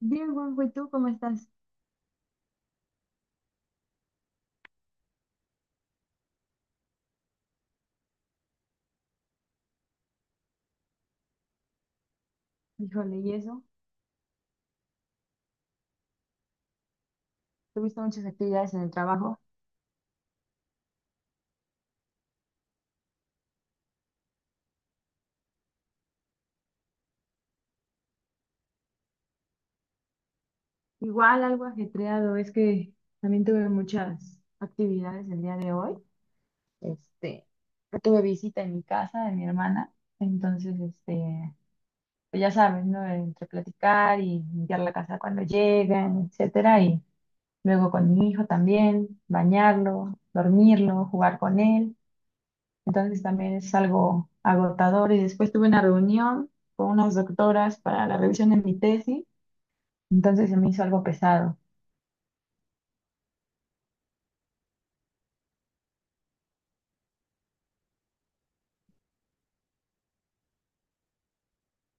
Bien, Juanjo, ¿y tú cómo estás? Híjole, ¿y eso? Tuviste muchas actividades en el trabajo. Igual algo ajetreado, es que también tuve muchas actividades el día de hoy. Este, Tuve visita en mi casa de mi hermana, entonces, pues ya sabes, ¿no? Entre platicar y limpiar la casa cuando llegan, etcétera, y luego con mi hijo también, bañarlo, dormirlo, jugar con él. Entonces también es algo agotador. Y después tuve una reunión con unas doctoras para la revisión de mi tesis. Entonces se me hizo algo pesado.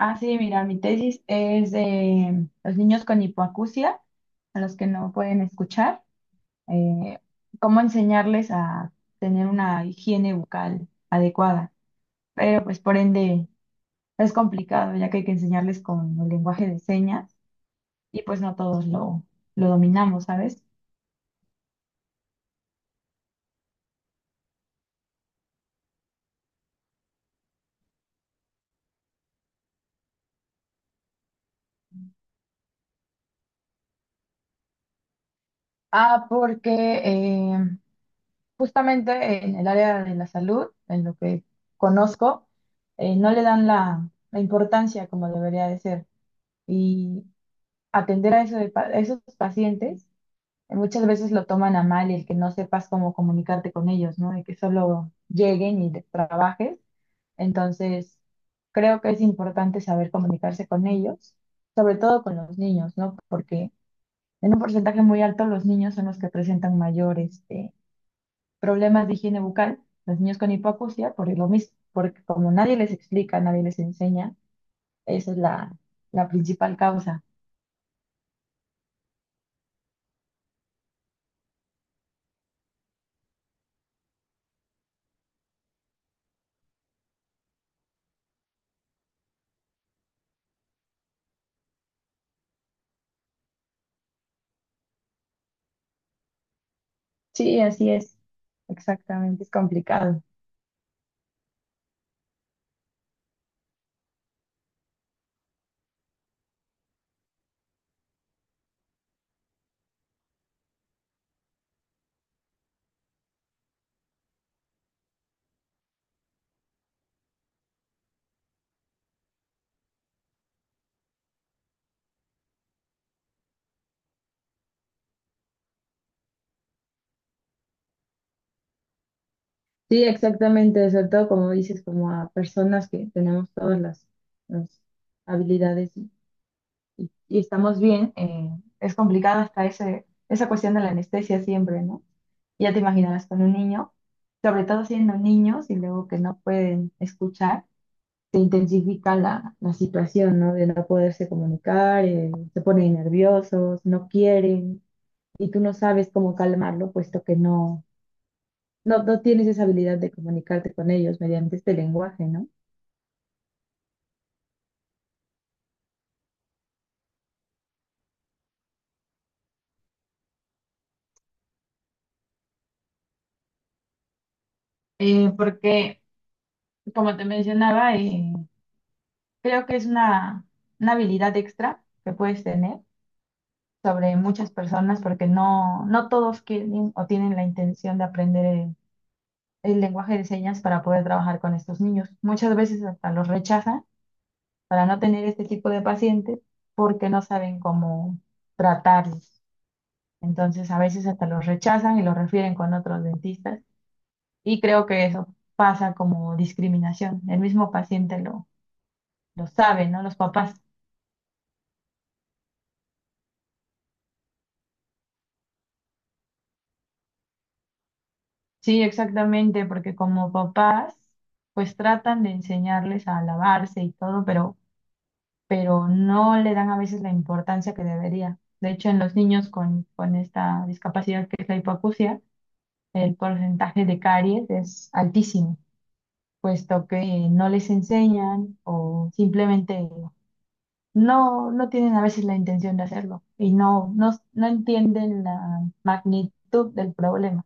Ah, sí, mira, mi tesis es de los niños con hipoacusia, a los que no pueden escuchar. eh, Cómo enseñarles a tener una higiene bucal adecuada. Pero pues por ende es complicado, ya que hay que enseñarles con el lenguaje de señas y pues no todos lo dominamos, ¿sabes? Ah, porque eh, justamente en el área de la salud, en lo que conozco, no le dan la importancia como debería de ser. Y atender a, eso de a esos pacientes, muchas veces lo toman a mal el que no sepas cómo comunicarte con ellos, ¿no? De que solo lleguen y te trabajes. Entonces, creo que es importante saber comunicarse con ellos, sobre todo con los niños, ¿no? Porque en un porcentaje muy alto los niños son los que presentan mayores problemas de higiene bucal, los niños con hipoacusia, por lo mismo, porque como nadie les explica, nadie les enseña, esa es la principal causa. Sí, así es, exactamente, es complicado. Sí, exactamente, sobre todo como dices, como a personas que tenemos todas las habilidades y estamos bien, es complicado hasta esa cuestión de la anestesia siempre, ¿no? Ya te imaginarás con un niño, sobre todo siendo niños y luego que no pueden escuchar se intensifica la situación, ¿no? De no poderse comunicar, se ponen nerviosos, no quieren, y tú no sabes cómo calmarlo, puesto que no tienes esa habilidad de comunicarte con ellos mediante este lenguaje, ¿no? Porque, como te mencionaba, creo que es una habilidad extra que puedes tener sobre muchas personas porque no todos quieren o tienen la intención de aprender el lenguaje de señas para poder trabajar con estos niños. Muchas veces hasta los rechazan para no tener este tipo de pacientes porque no saben cómo tratarlos. Entonces, a veces hasta los rechazan y los refieren con otros dentistas y creo que eso pasa como discriminación. El mismo paciente lo sabe, ¿no? Los papás. Sí, exactamente, porque como papás, pues tratan de enseñarles a lavarse y todo, pero no le dan a veces la importancia que debería. De hecho, en los niños con esta discapacidad que es la hipoacusia, el porcentaje de caries es altísimo, puesto que no les enseñan o simplemente no tienen a veces la intención de hacerlo y no entienden la magnitud del problema.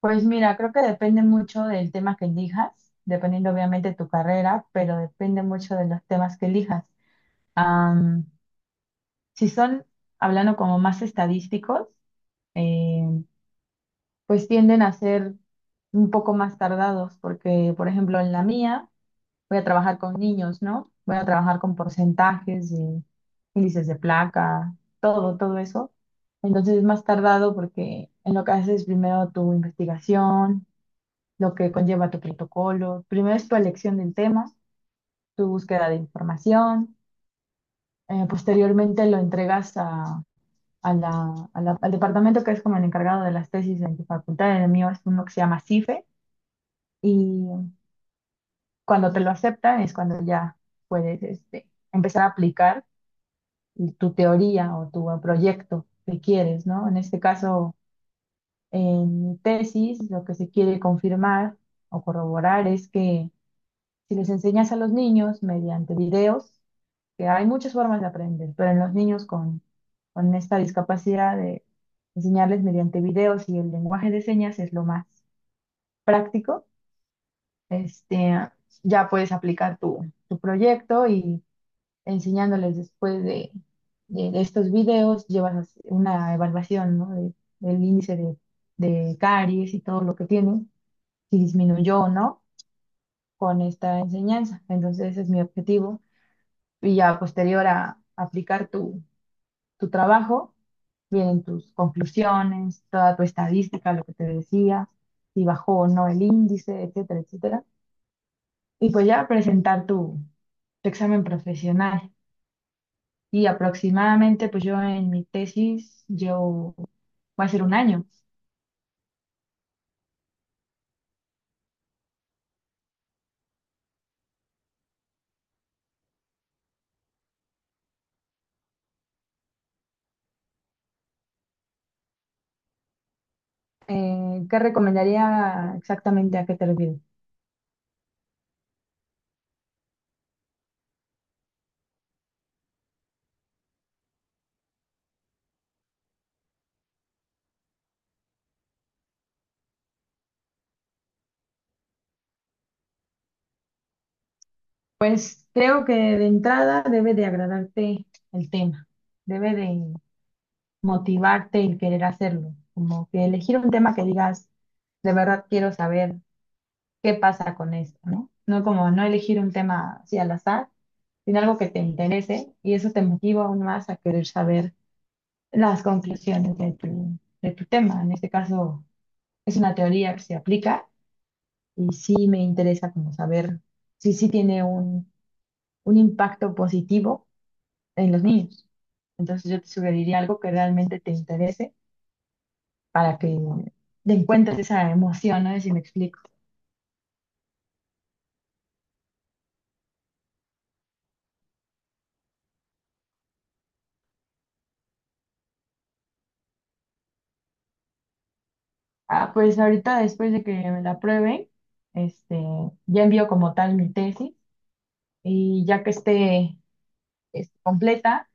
Pues mira, creo que depende mucho del tema que elijas, dependiendo obviamente de tu carrera, pero depende mucho de los temas que elijas. Am, si son, hablando como más estadísticos, eh, pues tienden a ser un poco más tardados, porque, por ejemplo, en la mía voy a trabajar con niños, ¿no? Voy a trabajar con porcentajes y índices de placa, todo eso. Entonces es más tardado porque en lo que haces primero tu investigación, lo que conlleva tu protocolo, primero es tu elección del tema, tu búsqueda de información, posteriormente lo entregas al departamento que es como el encargado de las tesis en tu facultad, en el mío es uno que se llama CIFE. Y cuando te lo aceptan es cuando ya puedes empezar a aplicar tu teoría o tu proyecto que quieres, ¿no? En este caso, en mi tesis, lo que se quiere confirmar o corroborar es que si les enseñas a los niños mediante videos, que hay muchas formas de aprender, pero en los niños con esta discapacidad de enseñarles mediante videos y el lenguaje de señas es lo más práctico. Este, ya puedes aplicar tu proyecto y enseñándoles después de estos videos, llevas una evaluación, ¿no? Del índice de caries y todo lo que tiene, si disminuyó o no con esta enseñanza. Entonces, ese es mi objetivo. Y ya posterior a aplicar tu trabajo, vienen tus conclusiones, toda tu estadística, lo que te decía, si bajó o no el índice, etcétera, etcétera. Y pues ya presentar tu examen profesional. Y aproximadamente, pues yo en mi tesis, yo va a ser un año. ¿Qué recomendaría exactamente a qué te refieres? Pues creo que de entrada debe de agradarte el tema, debe de motivarte el querer hacerlo, como que elegir un tema que digas, de verdad quiero saber qué pasa con esto, ¿no? No como no elegir un tema así al azar sino algo que te interese y eso te motiva aún más a querer saber las conclusiones de de tu tema. En este caso es una teoría que se aplica y sí me interesa como saber si sí tiene un impacto positivo en los niños. Entonces yo te sugeriría algo que realmente te interese para que te encuentres esa emoción, ¿no? Si me explico. Ah, pues ahorita después de que me la prueben, este, ya envío como tal mi tesis y ya que esté completa,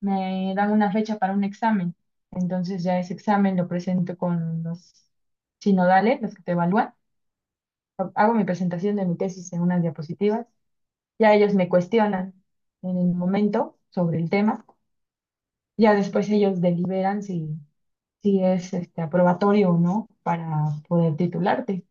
me dan una fecha para un examen. Entonces ya ese examen lo presento con los sinodales, los que te evalúan. Hago mi presentación de mi tesis en unas diapositivas. Ya ellos me cuestionan en el momento sobre el tema. Ya después ellos deliberan si es aprobatorio o no para poder titularte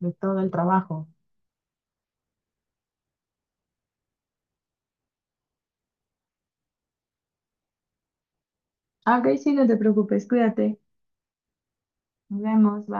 de todo el trabajo. Ah, ok, sí, no te preocupes, cuídate. Nos vemos, bye.